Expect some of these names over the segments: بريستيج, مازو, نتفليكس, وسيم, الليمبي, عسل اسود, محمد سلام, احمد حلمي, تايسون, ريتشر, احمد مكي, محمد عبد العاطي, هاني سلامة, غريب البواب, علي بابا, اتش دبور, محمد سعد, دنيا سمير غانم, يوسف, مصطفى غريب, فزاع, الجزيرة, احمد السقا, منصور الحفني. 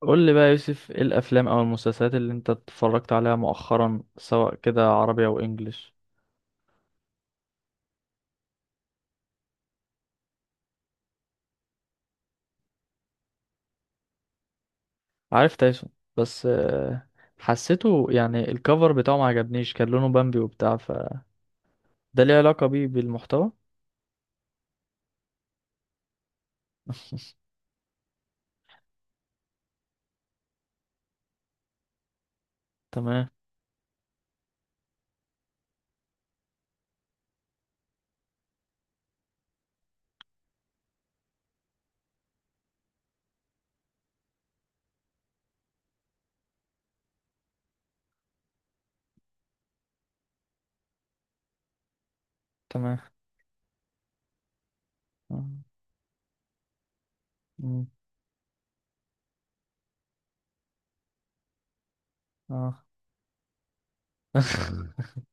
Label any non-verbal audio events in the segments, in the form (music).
قول لي بقى يا يوسف، ايه الافلام او المسلسلات اللي انت اتفرجت عليها مؤخرا سواء كده عربي او انجليش؟ عارف تايسون. بس حسيته يعني الكفر بتاعه ما عجبنيش، كان لونه بامبي وبتاع فده. ليه علاقة بيه بالمحتوى؟ تمام، تمام، اه. مم. آه. (laughs)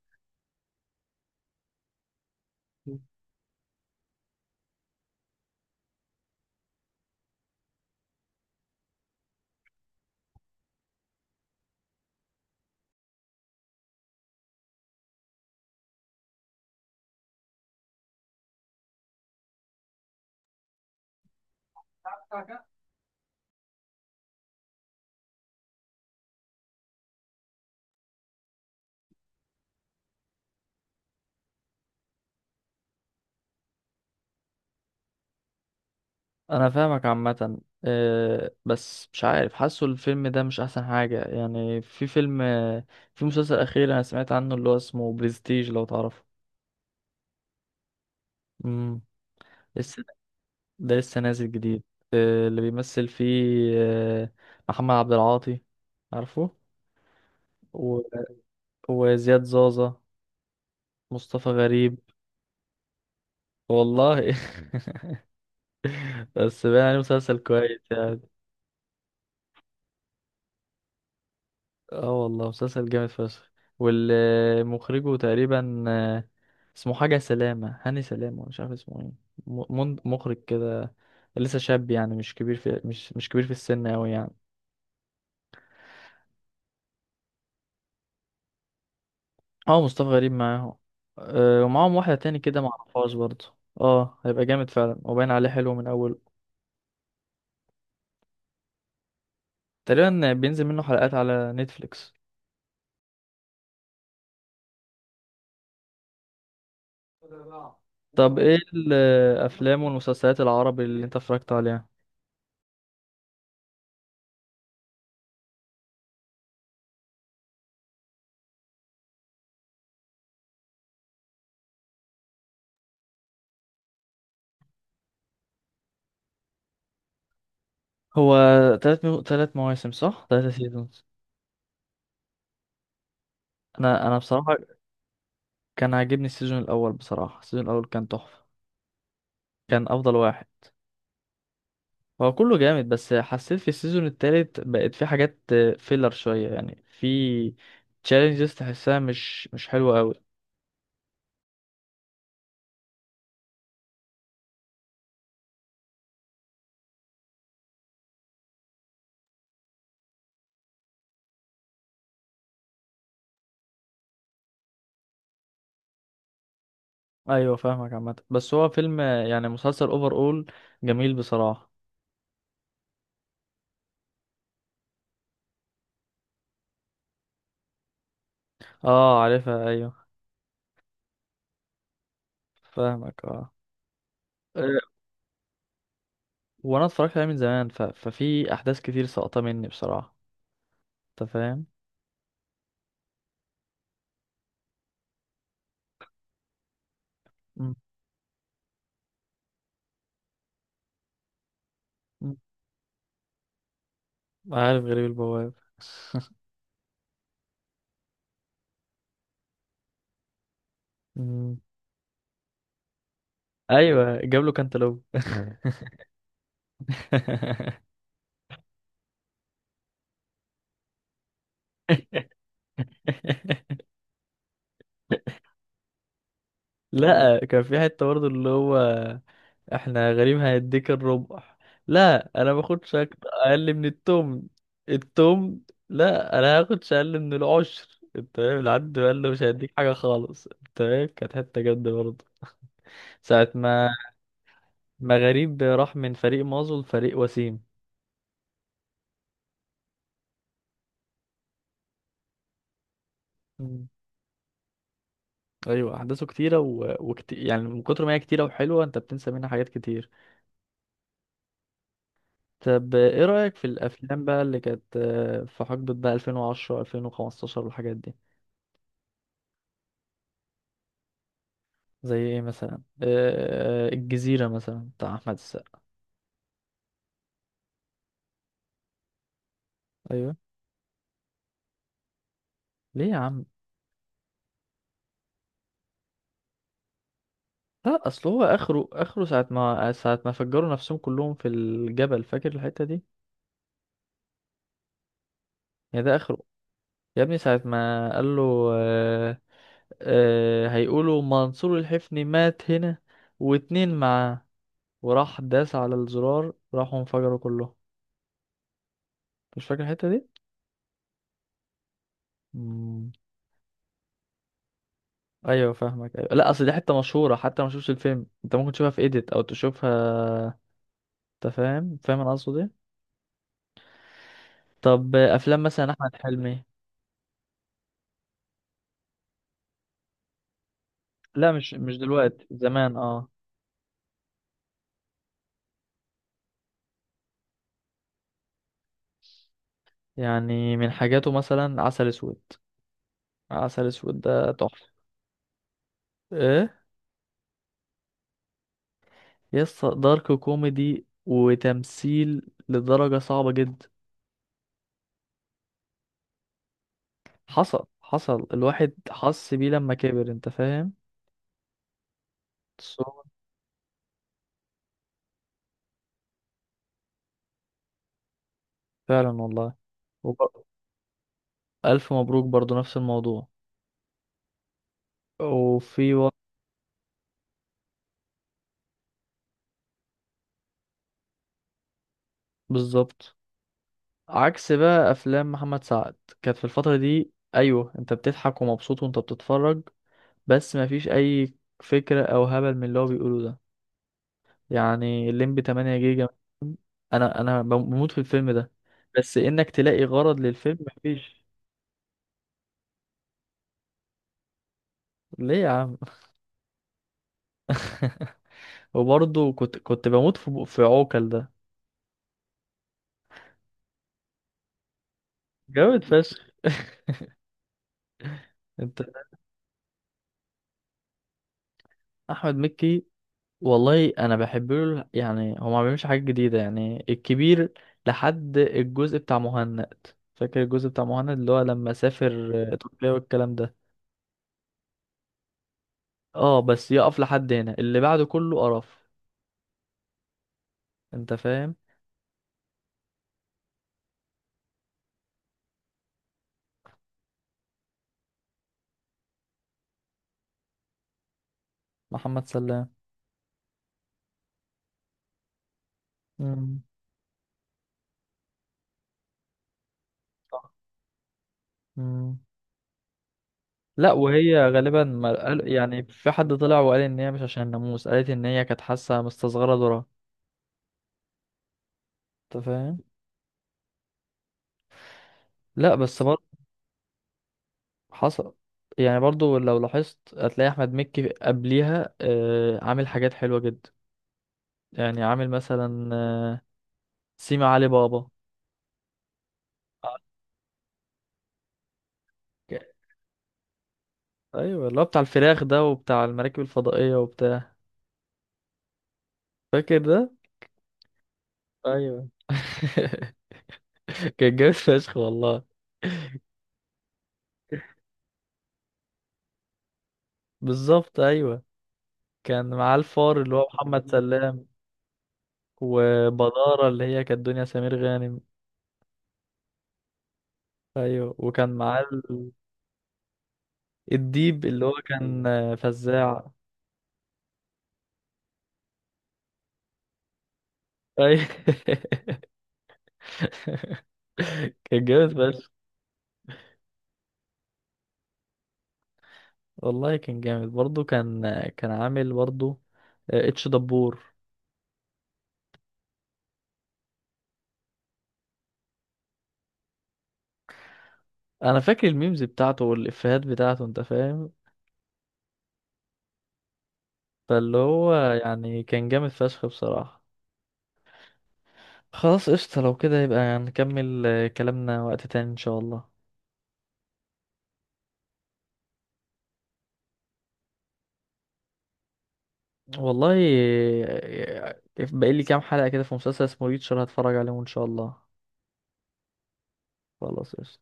انا فاهمك عامة. بس مش عارف، حاسه الفيلم ده مش احسن حاجة. يعني في فيلم، في مسلسل اخير انا سمعت عنه اللي هو اسمه بريستيج، لو تعرفه. امم. ده لسه نازل جديد. اللي بيمثل فيه آه، محمد عبد العاطي، عارفه. و... وزياد زازا، مصطفى غريب. والله. (laughs) بس بقى يعني مسلسل كويس يعني. اه والله مسلسل جامد فشخ. والمخرجه تقريبا اسمه حاجة سلامة، هاني سلامة، مش عارف اسمه ايه. مخرج كده، لسه شاب، يعني مش كبير في مش كبير في السن أوي يعني. اه، مصطفى غريب معاهم. أه، ومعاهم واحدة تاني كده معرفهاش برضه. اه، هيبقى جامد فعلا وباين عليه حلو من أوله. تقريبا بينزل منه حلقات على نتفليكس. طب ايه الأفلام والمسلسلات العربي اللي انت اتفرجت عليها؟ هو تلات مواسم صح؟ تلاتة سيزونز. أنا بصراحة كان عاجبني السيزون الأول، بصراحة السيزون الأول كان تحفة، كان أفضل واحد. هو كله جامد بس حسيت في السيزون التالت بقت في حاجات فيلر شوية، يعني في تشالنجز تحسها مش حلوة قوي. ايوه فاهمك عامة، بس هو فيلم، يعني مسلسل اوفر اول، جميل بصراحة. اه عارفها، ايوه فاهمك اه. أه، وانا اتفرجت عليه من زمان، ففي احداث كتير ساقطة مني بصراحة، انت فاهم. مم. مم. عارف غريب البواب. (laughs) مم. ايوه جاب له كانتالوب. (laughs) لا كان في حتة برضه اللي هو: احنا غريم هيديك الربع. لا انا باخدش اقل من التمن. التمن. لا انا هاخدش اقل من العشر، انت فاهم العد؟ قال له مش هيديك حاجة خالص، انت فاهم، كانت حتة جد برضه ساعة ما غريب راح من فريق مازو لفريق وسيم. مم. ايوه احداثه كتيرة يعني من كتر ما هي كتيرة وحلوة انت بتنسى منها حاجات كتير. طب ايه رأيك في الافلام بقى اللي كانت في حقبة بقى 2010 2015 والحاجات دي؟ زي ايه مثلا؟ الجزيرة مثلا بتاع احمد السقا. ايوه. ليه يا عم؟ لا اصل هو اخره، اخره ساعة ما فجروا نفسهم كلهم في الجبل، فاكر الحتة دي؟ يا ده اخره. يا ابني ساعة ما قال له آه هيقولوا منصور الحفني مات هنا واتنين معاه، وراح داس على الزرار راحوا انفجروا كلهم. مش فاكر الحتة دي؟ ايوه فاهمك، ايوه. لا اصل دي حته مشهوره، حتى ما شفتش الفيلم انت ممكن تشوفها في ايديت او تشوفها، انت فاهم؟ فاهم انا قصدي ايه؟ طب افلام مثلا احمد حلمي. لا مش دلوقتي، زمان اه. يعني من حاجاته مثلا عسل اسود. عسل اسود ده تحفه. ايه، يس دارك كوميدي وتمثيل لدرجه صعبه جدا. حصل الواحد حس بيه لما كبر، انت فاهم. So- فعلا والله. وب- الف مبروك برضو نفس الموضوع. وفي. بالظبط. عكس بقى افلام محمد سعد كانت في الفتره دي، ايوه انت بتضحك ومبسوط وانت بتتفرج، بس مفيش اي فكره او هبل من اللي هو بيقوله ده. يعني الليمبي 8 جيجا. انا بموت في الفيلم ده، بس انك تلاقي غرض للفيلم مفيش. ليه يا عم؟ (laughs) وبرضه كنت بموت في عوكل ده، جامد فشخ. انت. احمد مكي. والله انا بحب له، يعني هو ما بيعملش حاجات جديده، يعني الكبير لحد الجزء بتاع مهند. فاكر الجزء بتاع مهند اللي هو لما سافر تركيا والكلام ده؟ اه، بس يقف لحد هنا، اللي بعده كله قرف، انت فاهم. محمد سلام. امم. صح. امم. لا وهي غالبا ما قال، يعني في حد طلع وقال ان هي مش عشان الناموس، قالت ان هي كانت حاسه مستصغره دورها، انت فاهم. لا بس. حصل. يعني برضو لو لاحظت هتلاقي احمد مكي قبليها عامل حاجات حلوة جدا. يعني عامل مثلا سيما علي بابا. ك- ايوه اللي هو بتاع الفراخ ده وبتاع المراكب الفضائية وبتاع. فاكر ده؟ ايوه. (laughs) كان جامد فشخ والله. بالظبط ايوه. كان معاه الفار اللي هو محمد سلام، وبدارة اللي هي كانت دنيا سمير غانم. ايوه وكان معاه الديب اللي هو كان فزاع. ايوه. (laughs) (laughs) كان جامد بس. والله كان جامد برضه، كان عامل برضه اتش دبور. انا فاكر الميمز بتاعته والافيهات بتاعته، انت فاهم. فاللي هو يعني كان جامد فشخ بصراحة. خلاص قشطة، لو كده يبقى نكمل كلامنا وقت تاني ان شاء الله. والله باقي لي كام حلقة كده في مسلسل اسمه ريتشر هتفرج عليهم ان شاء الله. خلاص قشطة.